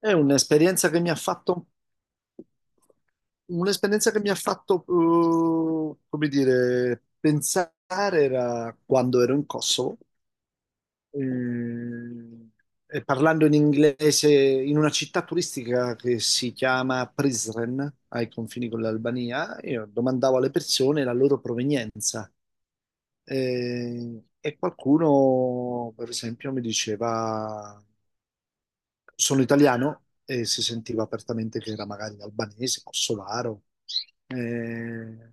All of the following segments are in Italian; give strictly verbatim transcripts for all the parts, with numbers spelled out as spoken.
È un'esperienza che mi ha fatto, Un'esperienza che mi ha fatto, eh, come dire, pensare, era quando ero in Kosovo, eh, e parlando in inglese in una città turistica che si chiama Prizren, ai confini con l'Albania. Io domandavo alle persone la loro provenienza. Eh, e qualcuno, per esempio, mi diceva sono italiano, e si sentiva apertamente che era magari albanese, kosovaro. Eh,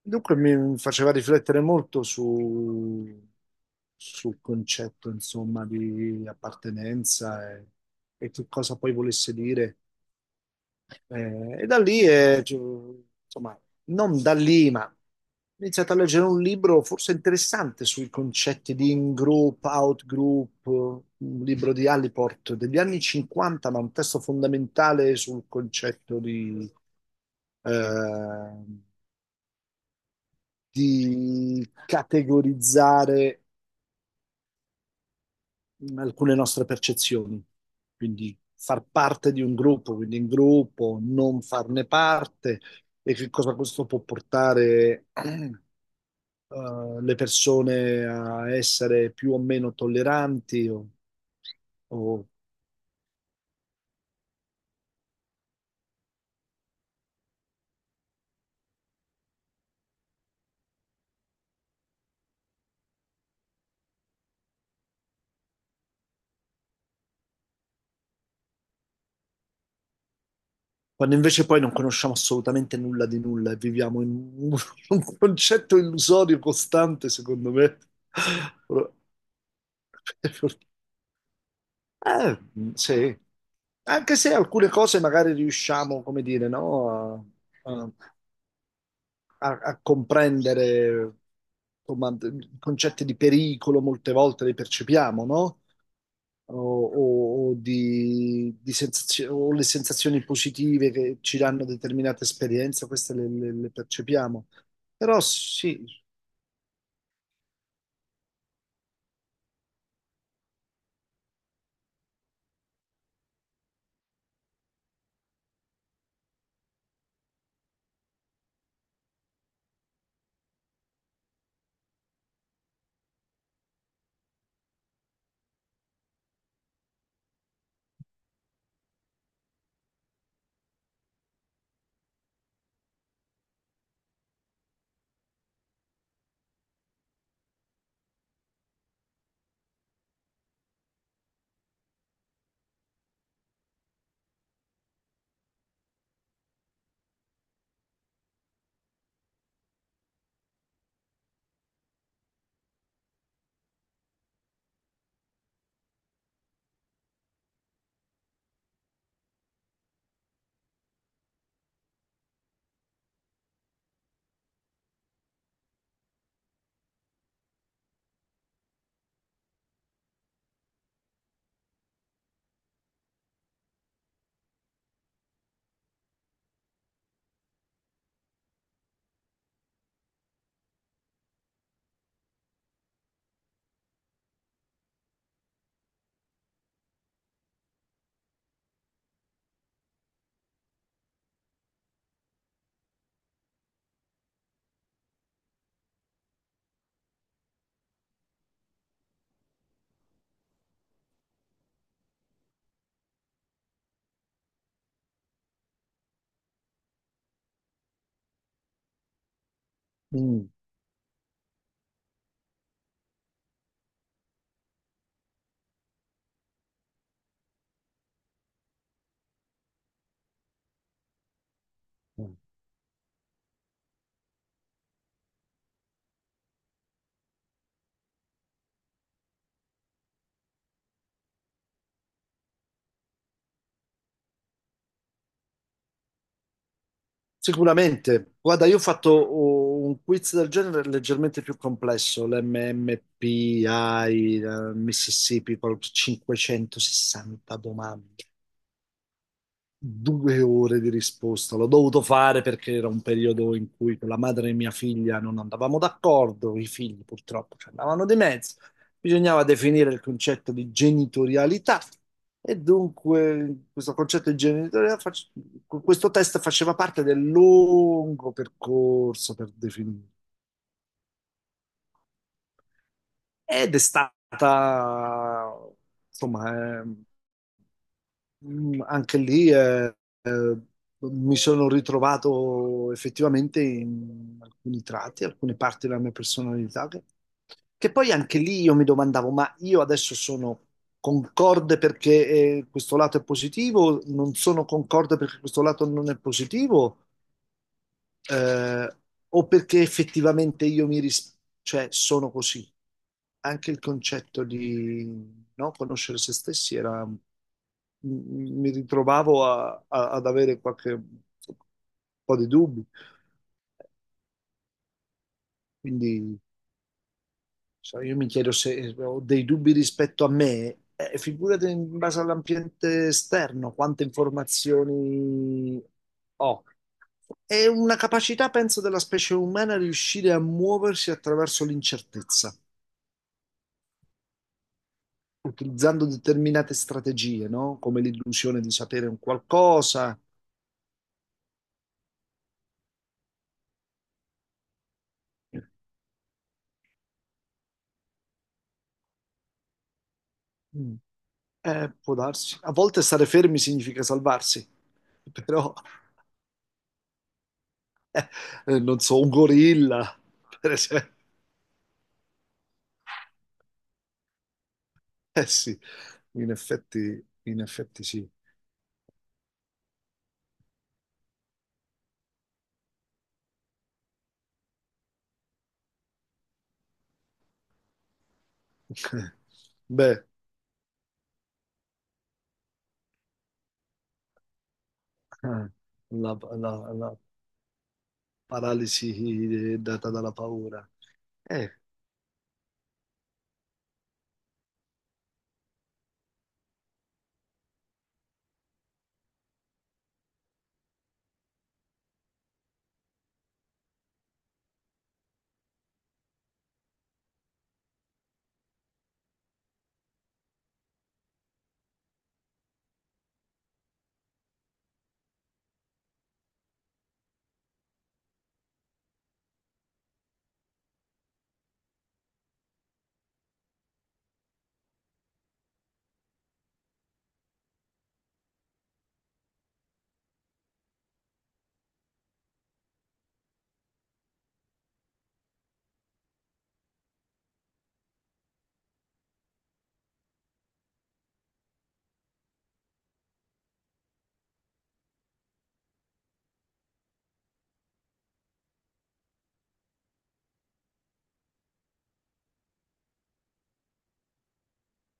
Dunque mi faceva riflettere molto su, sul concetto, insomma, di appartenenza, e, e che cosa poi volesse dire. Eh, e da lì, eh, ci- insomma, non da lì, ma ho iniziato a leggere un libro forse interessante sui concetti di in-group, out-group, un libro di Allport degli anni cinquanta, ma un testo fondamentale sul concetto di, eh, di categorizzare mh, alcune nostre percezioni. Quindi far parte di un gruppo, quindi in gruppo, non farne parte, e che cosa questo può portare eh, le persone a essere più o meno tolleranti, o, o- quando invece poi non conosciamo assolutamente nulla di nulla e viviamo in un, un concetto illusorio costante, secondo me. Per fortuna. Eh, sì, anche se alcune cose magari riusciamo, come dire, no, a, a- a- a comprendere, insomma, d- concetti di pericolo molte volte li percepiamo, no? O, o- o di, di sensazio- o le sensazioni positive che ci danno determinate esperienze, queste le, le- le percepiamo. Però sì, mm. Mm. Sicuramente, guarda, io ho fatto oh, un quiz del genere leggermente più complesso, l'M M P I, eh, Mississippi, con cinquecentosessanta domande, due ore di risposta. L'ho dovuto fare perché era un periodo in cui con la madre e mia figlia non andavamo d'accordo, i figli purtroppo ci andavano di mezzo. Bisognava definire il concetto di genitorialità, e dunque questo concetto di genitorialità, face- questo test faceva parte del lungo percorso per definire. Ed è stata, insomma. eh, Mm, Anche lì, eh, eh, mi sono ritrovato effettivamente in alcuni tratti, alcune parti della mia personalità, che, che poi anche lì io mi domandavo, ma io adesso sono concorde perché eh, questo lato è positivo, non sono concorde perché questo lato non è positivo, eh, o perché effettivamente io mi ris- cioè sono così. Anche il concetto di, no, conoscere se stessi era, m- m- mi ritrovavo a- a- ad avere qualche un po' di dubbi. Quindi. So, io mi chiedo se eh, ho dei dubbi rispetto a me, eh, figurati in base all'ambiente esterno, quante informazioni ho. È una capacità, penso, della specie umana riuscire a muoversi attraverso l'incertezza, utilizzando determinate strategie, no? Come l'illusione di sapere un qualcosa. Mm. Eh, può darsi. A volte stare fermi significa salvarsi, però, eh, non so, un gorilla, per esempio. Eh sì. In effetti, in effetti sì. Beh, la, la- la paralisi data dalla paura. Eh,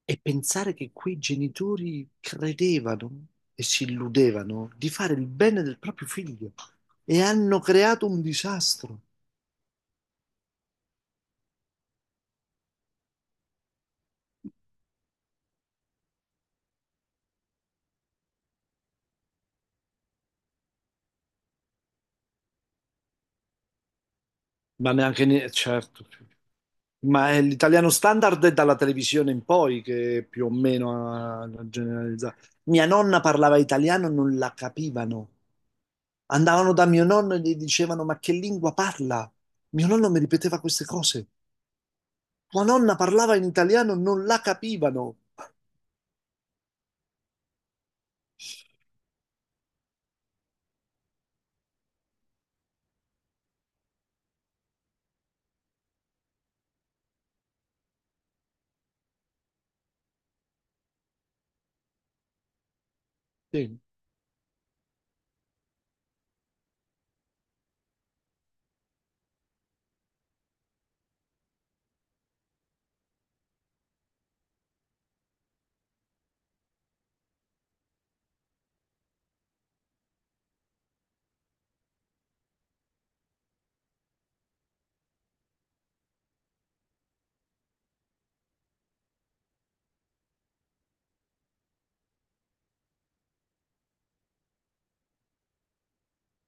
e pensare che quei genitori credevano e si illudevano di fare il bene del proprio figlio, e hanno creato un disastro. Ma neanche, ne- certo, ma è l'italiano standard è dalla televisione in poi che più o meno ha generalizzato. Mia nonna parlava italiano, non la capivano. Andavano da mio nonno e gli dicevano: ma che lingua parla? Mio nonno mi ripeteva queste cose. Tua nonna parlava in italiano, non la capivano. Sì,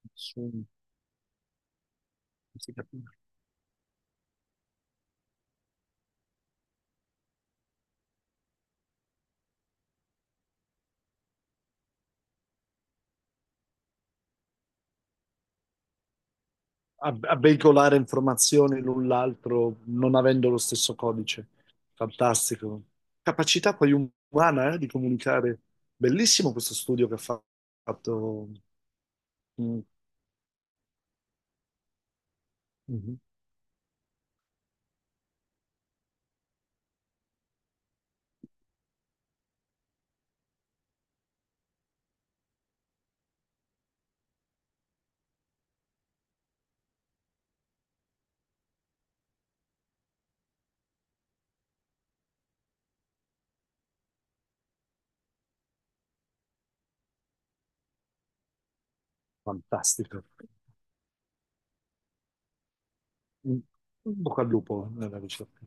nessuno si capiva. A, a veicolare informazioni l'un l'altro, non avendo lo stesso codice. Fantastico. Capacità poi umana, eh, di comunicare. Bellissimo questo studio che ha fatto. Mm. Mhm. Fantastico. Un un bocca al lupo nella ricerca.